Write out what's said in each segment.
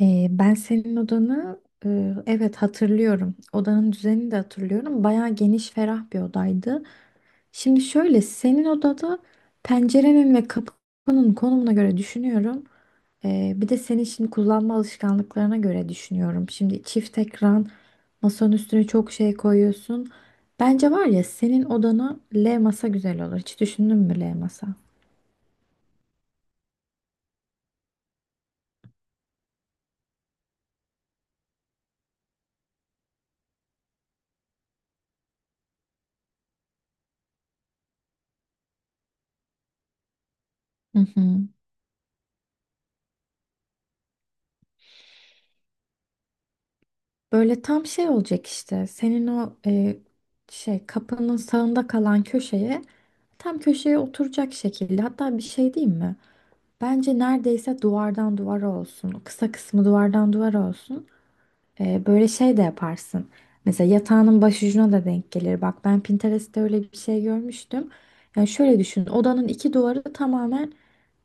Ben senin odanı evet hatırlıyorum. Odanın düzenini de hatırlıyorum. Bayağı geniş, ferah bir odaydı. Şimdi şöyle senin odada pencerenin ve kapının konumuna göre düşünüyorum. Bir de senin şimdi kullanma alışkanlıklarına göre düşünüyorum. Şimdi çift ekran, masanın üstüne çok şey koyuyorsun. Bence var ya senin odana L masa güzel olur. Hiç düşündün mü L masa? Hı hı. Böyle tam şey olacak işte. Senin o şey kapının sağında kalan köşeye tam köşeye oturacak şekilde. Hatta bir şey diyeyim mi? Bence neredeyse duvardan duvara olsun. Kısa kısmı duvardan duvara olsun. Böyle şey de yaparsın. Mesela yatağının başucuna da denk gelir. Bak ben Pinterest'te öyle bir şey görmüştüm. Yani şöyle düşün. Odanın iki duvarı tamamen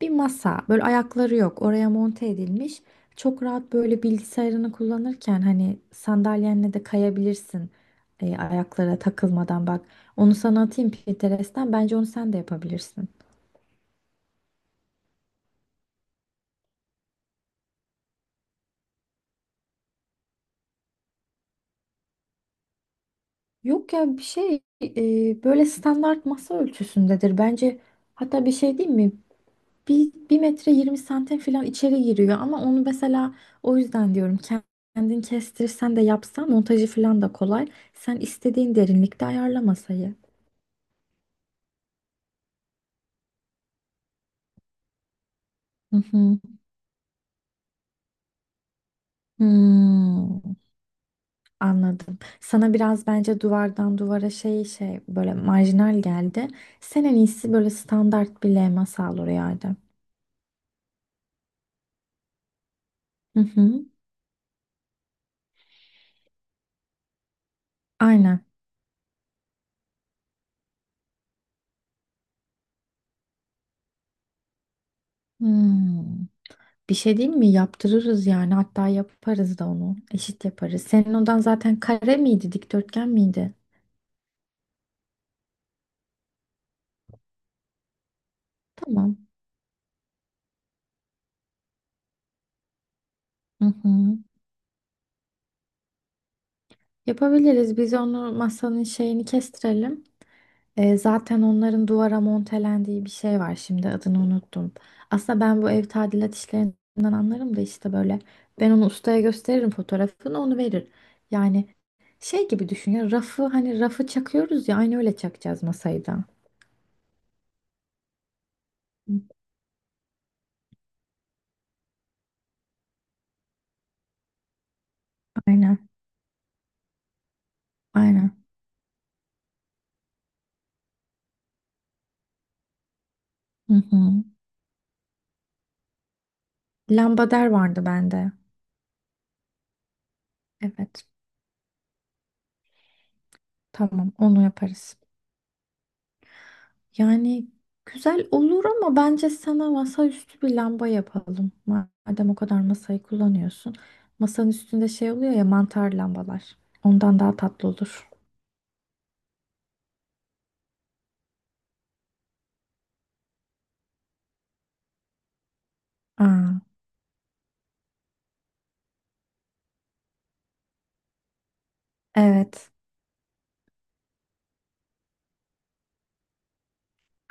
bir masa. Böyle ayakları yok. Oraya monte edilmiş. Çok rahat böyle bilgisayarını kullanırken hani sandalyenle de kayabilirsin. Ayaklara takılmadan bak. Onu sana atayım Pinterest'ten. Bence onu sen de yapabilirsin. Yok ya bir şey böyle standart masa ölçüsündedir. Bence hatta bir şey değil mi? Bir metre 20 santim falan içeri giriyor ama onu mesela o yüzden diyorum kendin kestirirsen de yapsan montajı falan da kolay. Sen istediğin derinlikte ayarla masayı. Hı hı. Hmm, Anladım. Sana biraz bence duvardan duvara şey böyle marjinal geldi. Sen en iyisi böyle standart bir levha sal oraya Adem. Hı hı. Aynen. Hmm. Bir şey değil mi? Yaptırırız yani. Hatta yaparız da onu. Eşit yaparız. Senin odan zaten kare miydi, dikdörtgen miydi? Tamam. Hı hı. Yapabiliriz. Biz onu masanın şeyini kestirelim. Zaten onların duvara montelendiği bir şey var şimdi. Adını unuttum. Aslında ben bu ev tadilat işlerinden anlarım da işte böyle. Ben onu ustaya gösteririm fotoğrafını onu verir. Yani şey gibi düşün ya rafı hani rafı çakıyoruz ya aynı öyle çakacağız masayı da. Hı. Aynen. Aynen. Hı hı. Lambader vardı bende. Evet. Tamam, onu yaparız. Yani güzel olur ama bence sana masaüstü bir lamba yapalım. Madem o kadar masayı kullanıyorsun. Masanın üstünde şey oluyor ya mantar lambalar. Ondan daha tatlı olur. Aa, evet.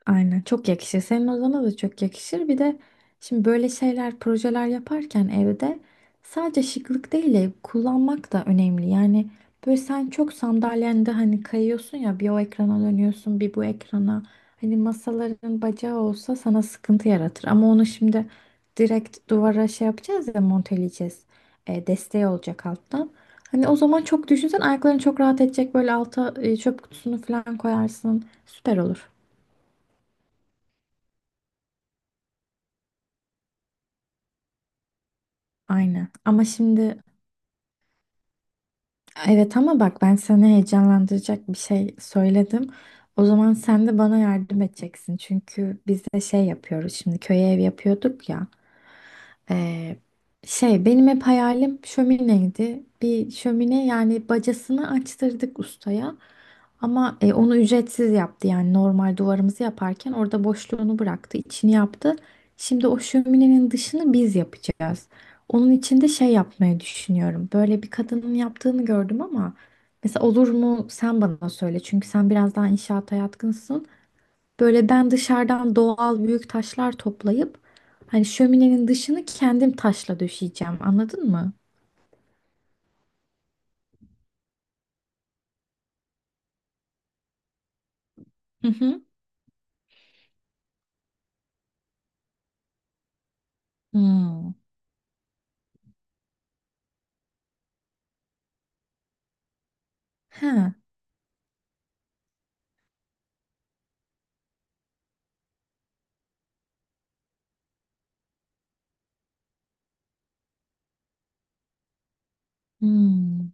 Aynen çok yakışır. Senin odana da çok yakışır. Bir de şimdi böyle şeyler, projeler yaparken evde sadece şıklık değil de kullanmak da önemli. Yani böyle sen çok sandalyende hani kayıyorsun ya bir o ekrana dönüyorsun bir bu ekrana. Hani masaların bacağı olsa sana sıkıntı yaratır. Ama onu şimdi direkt duvara şey yapacağız ya monteleyeceğiz. Desteği olacak alttan. Hani o zaman çok düşünsen ayakların çok rahat edecek böyle alta çöp kutusunu falan koyarsın. Süper olur. Aynen. Ama şimdi evet, ama bak ben sana heyecanlandıracak bir şey söyledim. O zaman sen de bana yardım edeceksin. Çünkü biz de şey yapıyoruz. Şimdi köye ev yapıyorduk ya. Ee, Şey benim hep hayalim şömineydi. Bir şömine yani bacasını açtırdık ustaya. Ama onu ücretsiz yaptı yani normal duvarımızı yaparken orada boşluğunu bıraktı, içini yaptı. Şimdi o şöminenin dışını biz yapacağız. Onun için de şey yapmayı düşünüyorum. Böyle bir kadının yaptığını gördüm ama mesela olur mu sen bana söyle. Çünkü sen biraz daha inşaata yatkınsın. Böyle ben dışarıdan doğal büyük taşlar toplayıp hani şöminenin dışını kendim taşla döşeyeceğim. Anladın mı? Hı hı. Hmm. Ha. Hmm.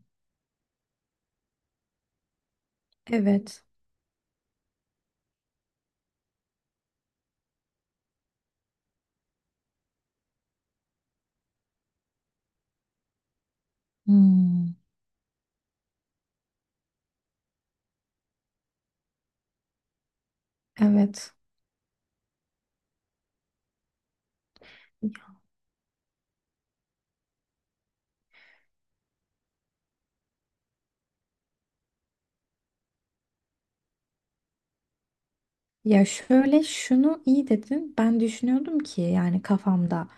Evet. Hmm. Evet. Ya şöyle şunu iyi dedin. Ben düşünüyordum ki yani kafamda.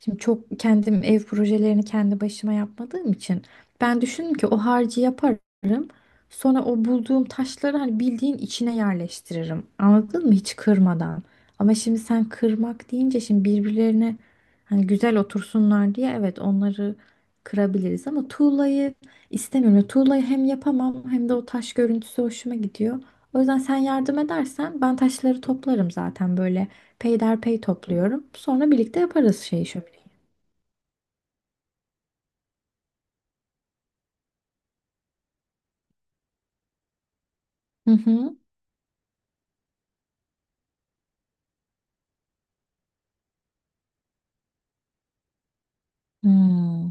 Şimdi çok kendim ev projelerini kendi başıma yapmadığım için ben düşündüm ki o harcı yaparım. Sonra o bulduğum taşları hani bildiğin içine yerleştiririm. Anladın mı? Hiç kırmadan. Ama şimdi sen kırmak deyince şimdi birbirlerine hani güzel otursunlar diye evet onları kırabiliriz ama tuğlayı istemiyorum. Tuğlayı hem yapamam hem de o taş görüntüsü hoşuma gidiyor. O yüzden sen yardım edersen ben taşları toplarım zaten böyle peyderpey topluyorum. Sonra birlikte yaparız şeyi şömineyi. Hı hı. Hmm.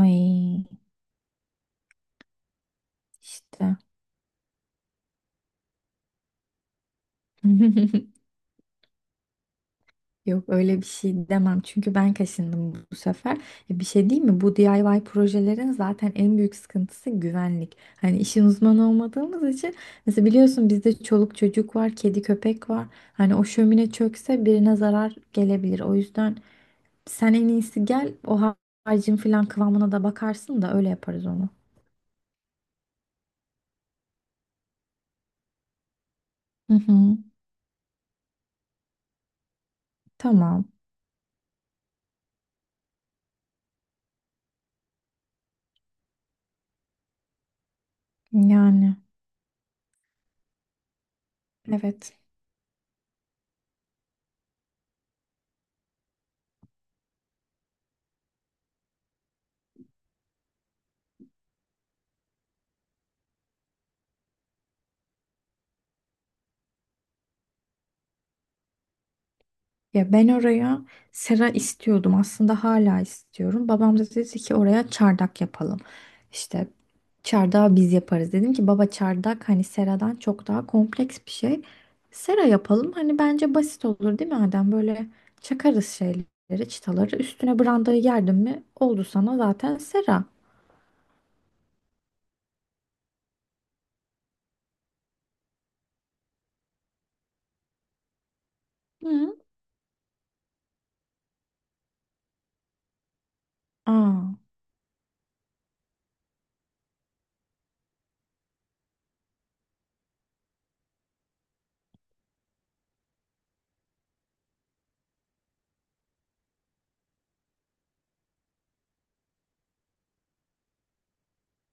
Ay işte. Yok öyle bir şey demem çünkü ben kaşındım bu sefer. Bir şey değil mi? Bu DIY projelerin zaten en büyük sıkıntısı güvenlik. Hani işin uzmanı olmadığımız için mesela biliyorsun bizde çoluk çocuk var, kedi köpek var. Hani o şömine çökse birine zarar gelebilir. O yüzden sen en iyisi gel o harcın filan kıvamına da bakarsın da öyle yaparız onu. Hı hı. Tamam. Yani evet. Ya ben oraya sera istiyordum. Aslında hala istiyorum. Babam da dedi ki oraya çardak yapalım. İşte çardağı biz yaparız. Dedim ki baba çardak hani seradan çok daha kompleks bir şey. Sera yapalım. Hani bence basit olur değil mi Adem? Böyle çakarız şeyleri, çıtaları. Üstüne brandayı gerdin mi oldu sana zaten sera. Hı. Aa.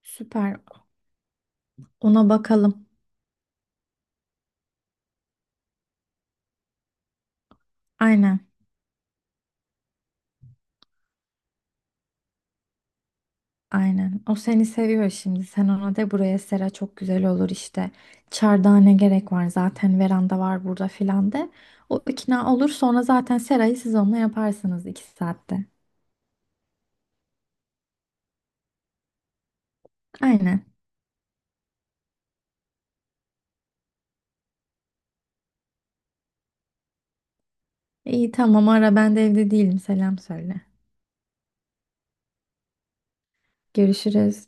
Süper. Ona bakalım. Aynen. Aynen. O seni seviyor şimdi. Sen ona de buraya sera çok güzel olur işte. Çardağa ne gerek var zaten veranda var burada filan de. O ikna olur sonra zaten serayı siz onunla yaparsınız 2 saatte. Aynen. İyi tamam ara ben de evde değilim selam söyle. Görüşürüz.